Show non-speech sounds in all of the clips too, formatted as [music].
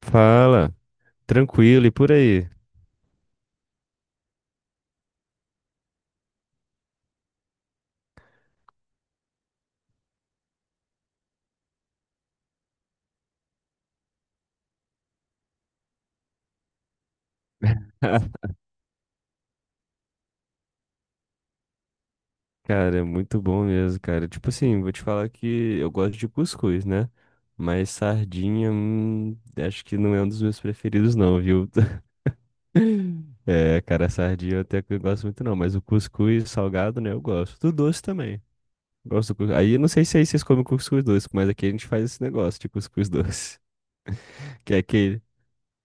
Fala, tranquilo e por aí. [laughs] Cara, é muito bom mesmo, cara. Tipo assim, vou te falar que eu gosto de cuscuz, né? Mas sardinha, acho que não é um dos meus preferidos, não, viu? [laughs] É, cara, sardinha eu até que eu gosto muito, não. Mas o cuscuz salgado, né, eu gosto. Do doce também. Gosto do cuscuz. Aí eu não sei se aí vocês comem cuscuz doce, mas aqui a gente faz esse negócio de cuscuz doce. [laughs] Que é aquele,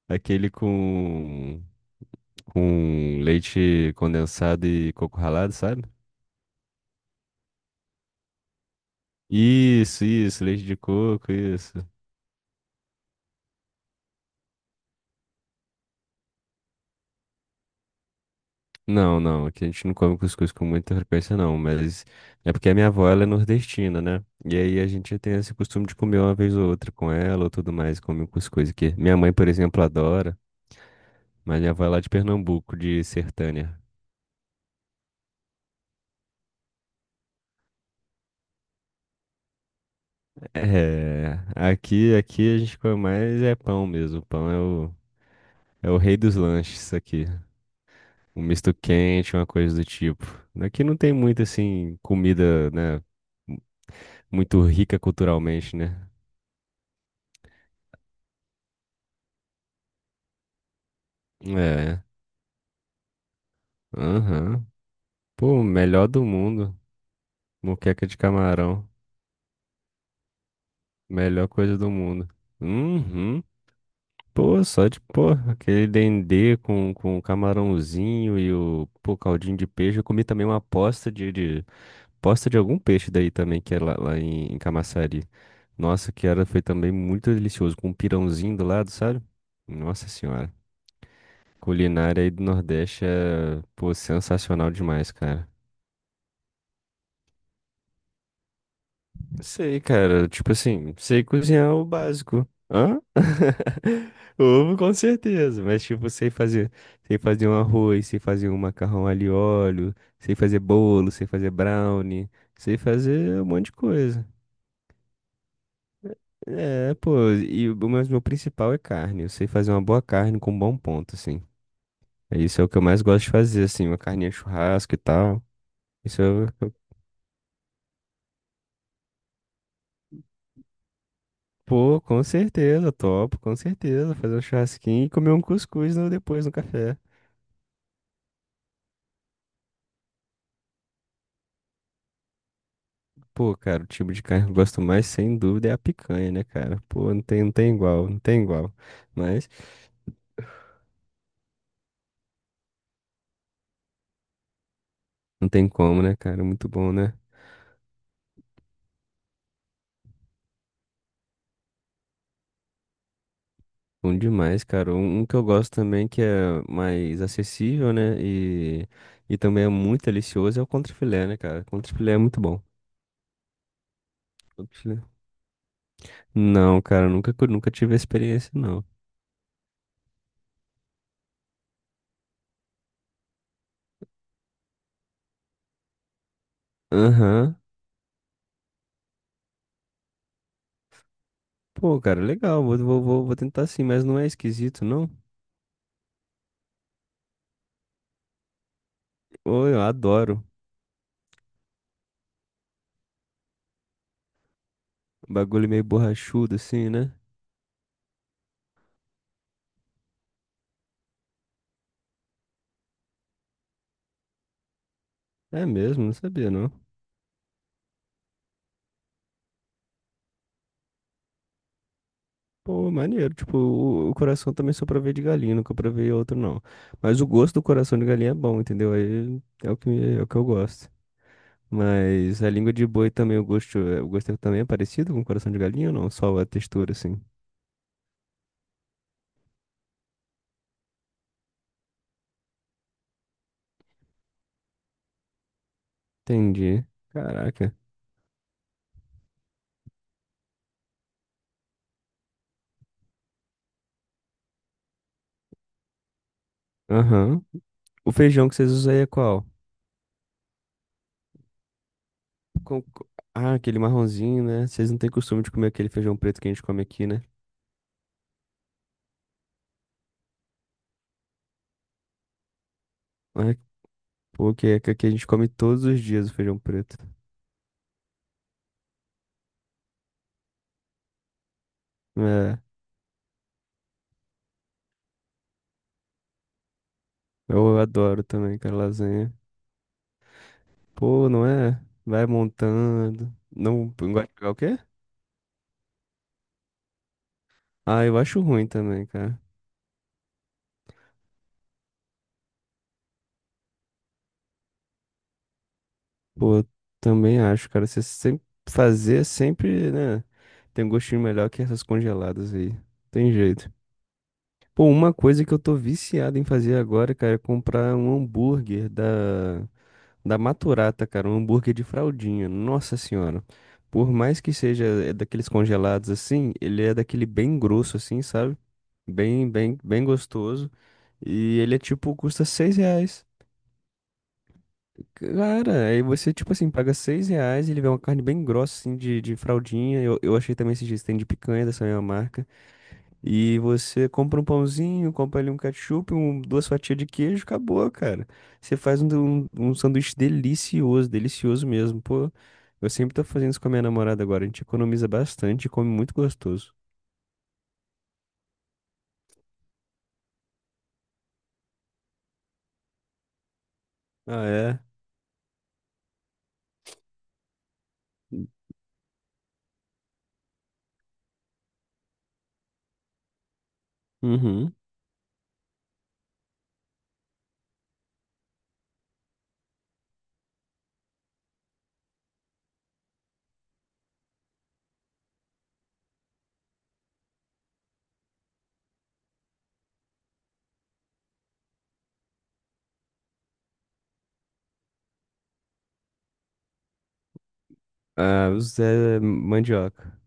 aquele com, com leite condensado e coco ralado, sabe? Isso, leite de coco, isso. Não, não, aqui a gente não come cuscuz com muita frequência, não, mas é porque a minha avó, ela é nordestina, né? E aí a gente tem esse costume de comer uma vez ou outra com ela ou tudo mais, come um cuscuz aqui. Minha mãe, por exemplo, adora, mas minha avó é lá de Pernambuco, de Sertânia. É, aqui a gente come mais é pão mesmo, é o rei dos lanches aqui. Um misto quente, uma coisa do tipo. Aqui não tem muito, assim, comida, né? Muito rica culturalmente, né? É. Aham. Pô, melhor do mundo. Moqueca de camarão. Melhor coisa do mundo. Uhum. Pô, pô, aquele dendê com o camarãozinho e o, pô, caldinho de peixe. Eu comi também uma posta de algum peixe daí também, que é lá, em Camaçari. Nossa, que era, foi também muito delicioso, com um pirãozinho do lado, sabe? Nossa senhora. Culinária aí do Nordeste é, pô, sensacional demais, cara. Sei, cara. Tipo assim, sei cozinhar o básico. Hã? [laughs] Ovo, com certeza. Mas, tipo, sei fazer. Sei fazer um arroz, sei fazer um macarrão alho e óleo, sei fazer bolo, sei fazer brownie, sei fazer um monte de coisa. É, pô. E o mas meu principal é carne. Eu sei fazer uma boa carne com um bom ponto, assim. Isso é o que eu mais gosto de fazer, assim, uma carninha de churrasco e tal. Isso pô, com certeza, topo, com certeza. Fazer um churrasquinho e comer um cuscuz no- depois no café. Pô, cara, o tipo de carne que eu gosto mais, sem dúvida, é a picanha, né, cara? Pô, não tem igual, não tem igual. Mas não tem como, né, cara? Muito bom, né? Bom demais, cara. Um que eu gosto também, que é mais acessível, né? E também é muito delicioso, é o contrafilé, né, cara? Contrafilé é muito bom. Contrafilé. Não, cara, nunca, cu- nunca tive experiência, não. Aham. Pô, cara, legal. Vou tentar sim, mas não é esquisito, não? Pô, eu adoro. Bagulho meio borrachudo, assim, né? É mesmo? Não sabia, não. Pô, maneiro. Tipo, o coração também só provei de galinha, nunca provei outro, não. Mas o gosto do coração de galinha é bom, entendeu? Aí é o que, me- é o que eu gosto. Mas a língua de boi também, o gosto é- também é parecido com o coração de galinha ou não? Só a textura, assim. Entendi. Caraca. Aham. O feijão que vocês usam aí é qual? Com- co- Ah, aquele marronzinho, né? Vocês não têm costume de comer aquele feijão preto que a gente come aqui, né? Ah, pô, que é que aqui a gente come todos os dias o feijão preto. É. Eu adoro também, cara, lasanha. Pô, não é? Vai montando. Não, não gosta de pegar o quê? Ah, eu acho ruim também, cara. Pô, eu também acho, cara. Você sempre fazer é sempre, né? Tem um gostinho melhor que essas congeladas aí. Tem jeito. Pô, uma coisa que eu tô viciado em fazer agora, cara, é comprar um da Maturata, cara, um hambúrguer de fraldinha. Nossa senhora. Por mais que seja é daqueles congelados assim, ele é daquele bem grosso assim, sabe? Bem gostoso. E ele é tipo, custa seis reais. Cara, aí você, tipo assim, paga seis reais, ele vem uma carne bem grossa, assim, de fraldinha. Eu achei também esses dias tem de picanha dessa mesma marca. E você compra um pãozinho, compra ali um ketchup, um, duas fatias de queijo, acabou, cara. Você faz um sanduíche delicioso, delicioso mesmo. Pô, eu sempre tô fazendo isso com a minha namorada agora. A gente economiza bastante e come muito gostoso. Ah, é? Uhum. Ah, o Zé mandioca.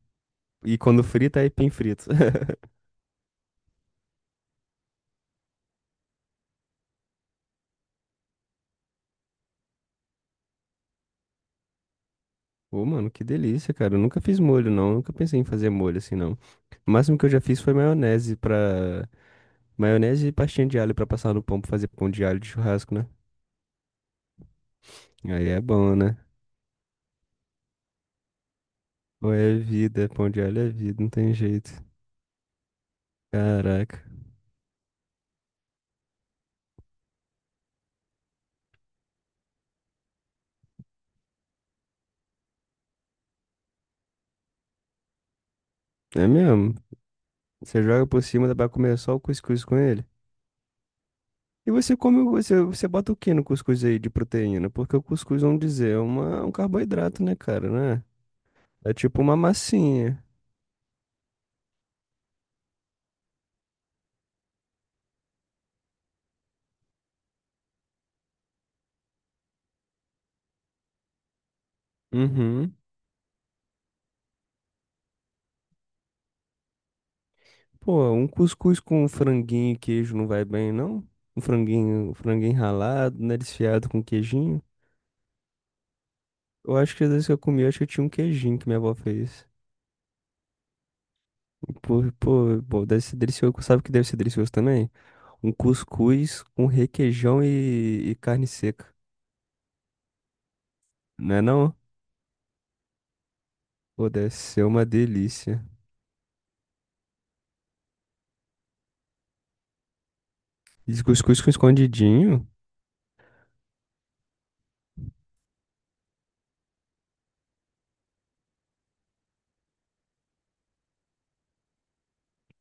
E quando frita, aipim frito. [laughs] Ô, mano, que delícia, cara. Eu nunca fiz molho, não. Nunca pensei em fazer molho assim, não. O máximo que eu já fiz foi maionese pra Maionese e pastinha de alho pra passar no pão pra fazer pão de alho de churrasco, né? Aí é bom, né? Pô, é vida, pão de alho é vida, não tem jeito. Caraca. É mesmo? Você joga por cima, dá pra comer só o cuscuz com ele. E você come, o- você, você bota o que no cuscuz aí de proteína? Porque o cuscuz, vamos dizer, é uma, um carboidrato, né, cara, né? É tipo uma massinha. Uhum. Pô, um cuscuz com franguinho e queijo não vai bem, não? Um franguinho ralado, né, desfiado com queijinho. Eu acho que às vezes que eu comi, eu acho que tinha um queijinho que minha avó fez. Pô, pô, pô, deve ser delicioso. Sabe o que deve ser delicioso também? Um cuscuz com requeijão e carne seca. Não é não? Pô, deve ser uma delícia. E cuscuz com escondidinho?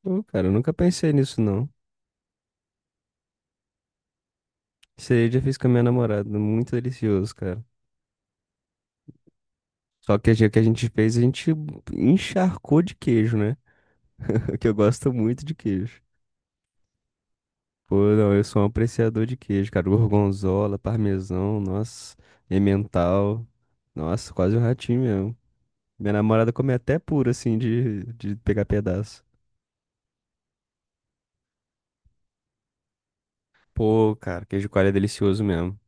Pô, cara, eu nunca pensei nisso, não. Isso aí eu já fiz com a minha namorada. Muito delicioso, cara. Só que a gente- o que a gente fez, a gente encharcou de queijo, né? [laughs] Que eu gosto muito de queijo. Pô, não, eu sou um apreciador de queijo, cara. Gorgonzola, parmesão, nossa, emmental. Nossa, quase um ratinho mesmo. Minha namorada come até puro, assim, de pegar pedaço. Pô, cara, queijo coalho é delicioso mesmo.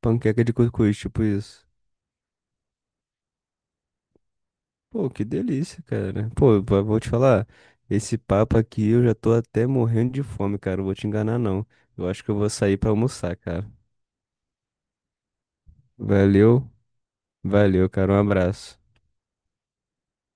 Panqueca de cuscuz, tipo isso. Pô, que delícia, cara. Pô, vou te falar, esse papo aqui eu já tô até morrendo de fome, cara. Não vou te enganar, não. Eu acho que eu vou sair pra almoçar, cara. Valeu, valeu, cara. Um abraço.